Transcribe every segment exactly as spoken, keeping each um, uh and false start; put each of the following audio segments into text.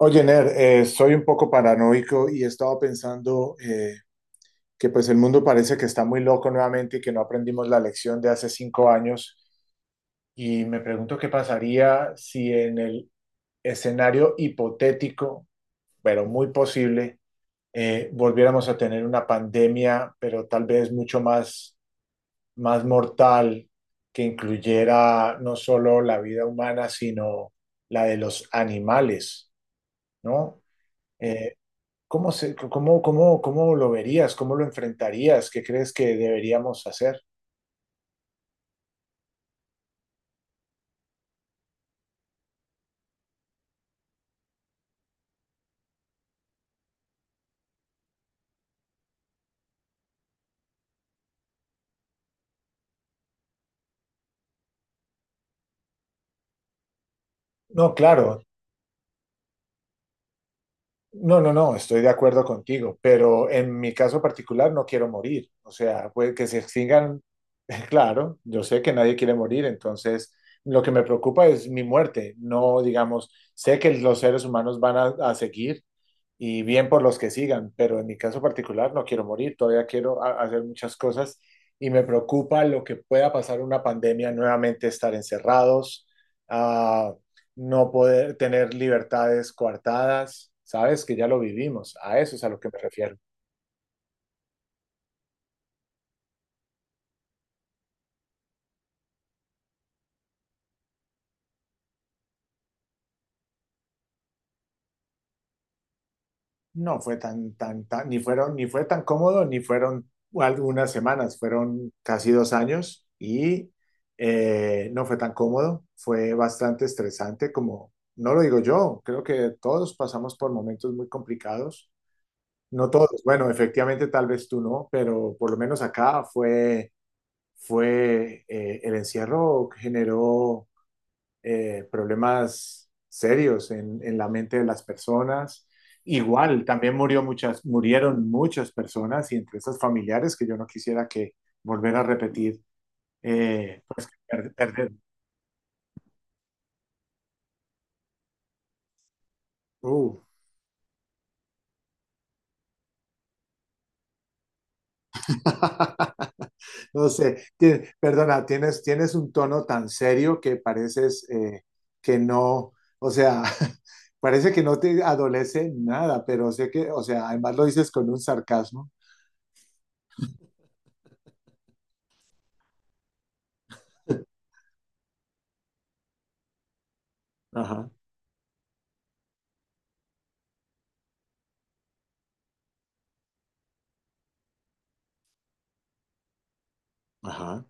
Oye, Ner, eh, soy un poco paranoico y he estado pensando eh, que pues el mundo parece que está muy loco nuevamente y que no aprendimos la lección de hace cinco años. Y me pregunto qué pasaría si en el escenario hipotético, pero muy posible, eh, volviéramos a tener una pandemia, pero tal vez mucho más, más mortal, que incluyera no solo la vida humana, sino la de los animales, ¿no? Eh, ¿Cómo se, cómo, cómo, cómo lo verías? ¿Cómo lo enfrentarías? ¿Qué crees que deberíamos hacer? No, claro, no, no, no, estoy de acuerdo contigo, pero en mi caso particular no quiero morir. O sea, pues que se extingan, claro, yo sé que nadie quiere morir, entonces lo que me preocupa es mi muerte. No, digamos, sé que los seres humanos van a, a seguir y bien por los que sigan, pero en mi caso particular no quiero morir, todavía quiero ha- hacer muchas cosas y me preocupa lo que pueda pasar una pandemia, nuevamente estar encerrados, ah, no poder tener libertades coartadas, sabes que ya lo vivimos, a eso es a lo que me refiero. No fue tan, tan, tan, ni fueron, ni fue tan cómodo, ni fueron algunas semanas, fueron casi dos años y eh, no fue tan cómodo, fue bastante estresante, como no lo digo yo, creo que todos pasamos por momentos muy complicados, no todos, bueno, efectivamente tal vez tú no, pero por lo menos acá fue, fue, eh, el encierro generó eh, problemas serios en, en la mente de las personas. Igual, también murió muchas, murieron muchas personas y entre esas familiares que yo no quisiera que volver a repetir, eh, pues per- perder. Uh. No sé, ti- perdona, tienes, tienes un tono tan serio que pareces eh, que no, o sea, parece que no te adolece nada, pero sé que, o sea, además lo dices con un sarcasmo. Ajá, ajá.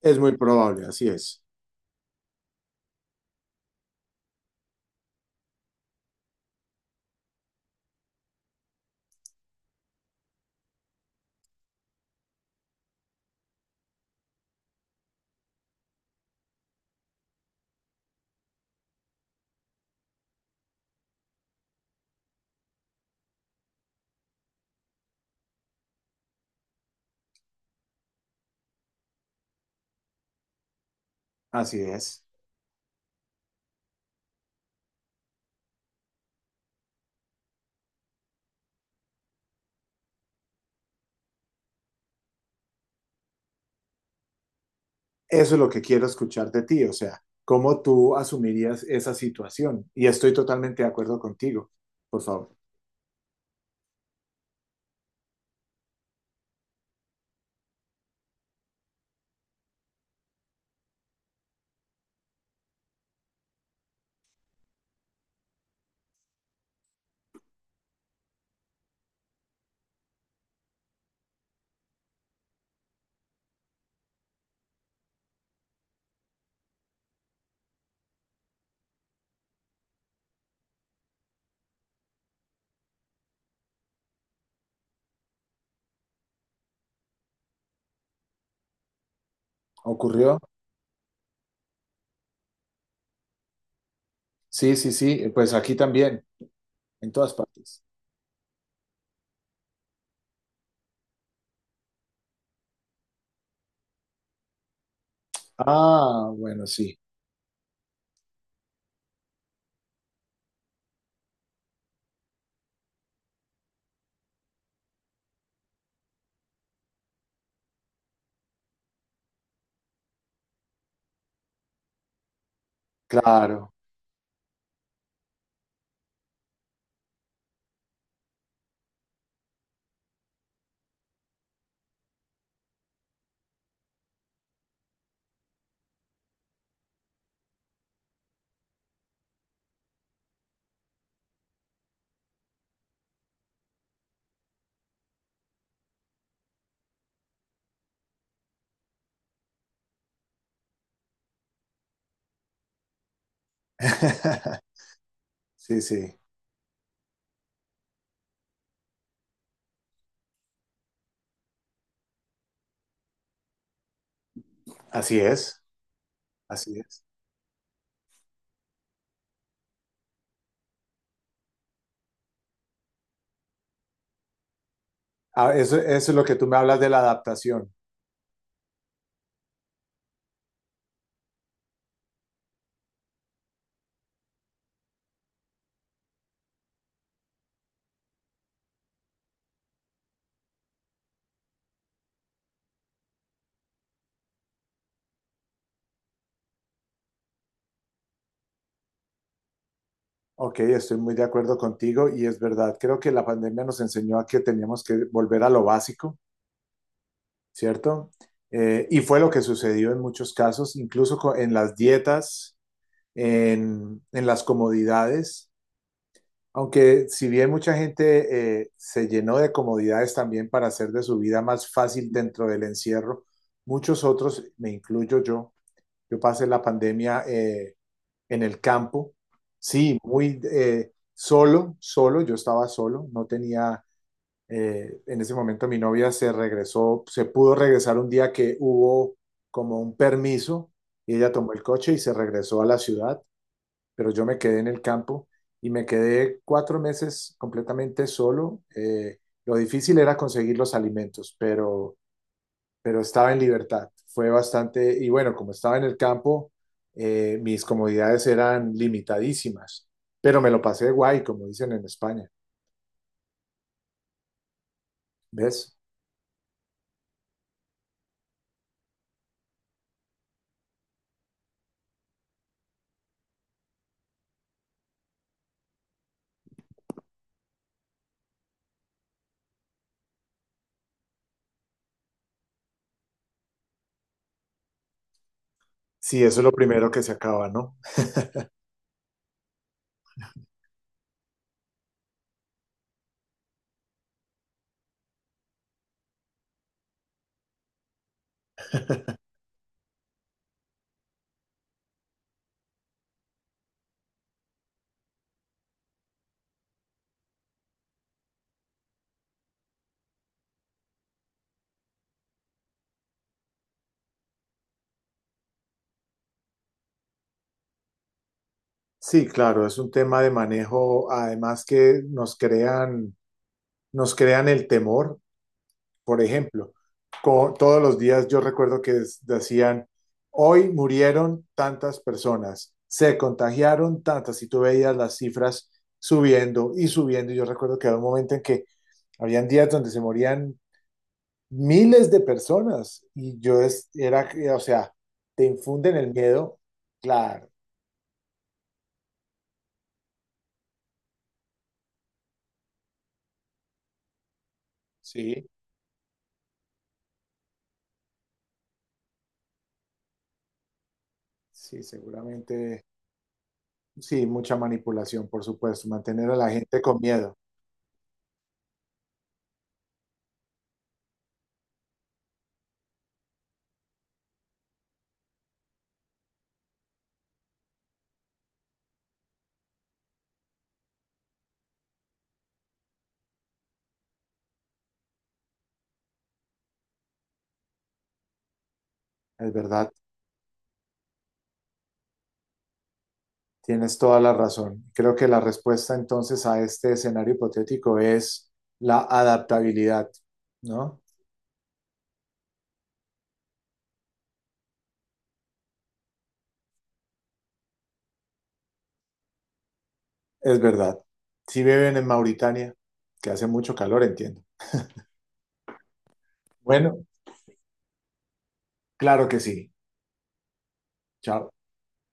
Es muy probable, así es, así es. Eso es lo que quiero escuchar de ti, o sea, cómo tú asumirías esa situación. Y estoy totalmente de acuerdo contigo, por favor. ¿Ocurrió? Sí, sí, sí, pues aquí también, en todas partes. Ah, bueno, sí, claro. Sí, sí, así es, así es. Ah, eso, eso es lo que tú me hablas de la adaptación. Ok, estoy muy de acuerdo contigo y es verdad, creo que la pandemia nos enseñó a que teníamos que volver a lo básico. ¿Cierto? Eh, y fue lo que sucedió en muchos casos, incluso co- en las dietas, en, en las comodidades, aunque si bien mucha gente eh, se llenó de comodidades también para hacer de su vida más fácil dentro del encierro, muchos otros, me incluyo yo, yo pasé la pandemia eh, en el campo, sí, muy eh, solo, solo, yo estaba solo, no tenía eh, en ese momento mi novia se regresó, se pudo regresar un día que hubo como un permiso y ella tomó el coche y se regresó a la ciudad, pero yo me quedé en el campo y me quedé cuatro meses completamente solo. Eh, lo difícil era conseguir los alimentos, pero, pero, estaba en libertad. Fue bastante, y bueno, como estaba en el campo, eh, mis comodidades eran limitadísimas, pero me lo pasé guay, como dicen en España. ¿Ves? Sí, eso es lo primero que se acaba, ¿no? Sí, claro, es un tema de manejo, además que nos crean, nos crean el temor. Por ejemplo, co- todos los días yo recuerdo que es- decían, hoy murieron tantas personas, se contagiaron tantas, y tú veías las cifras subiendo y subiendo. Y yo recuerdo que había un momento en que habían días donde se morían miles de personas y yo es, era, o sea, te infunden el miedo, claro, sí, sí, seguramente. Sí, mucha manipulación, por supuesto, mantener a la gente con miedo, es verdad, tienes toda la razón. Creo que la respuesta entonces a este escenario hipotético es la adaptabilidad, ¿no? Es verdad. Si viven en Mauritania, que hace mucho calor, entiendo. Bueno, claro que sí. Chao.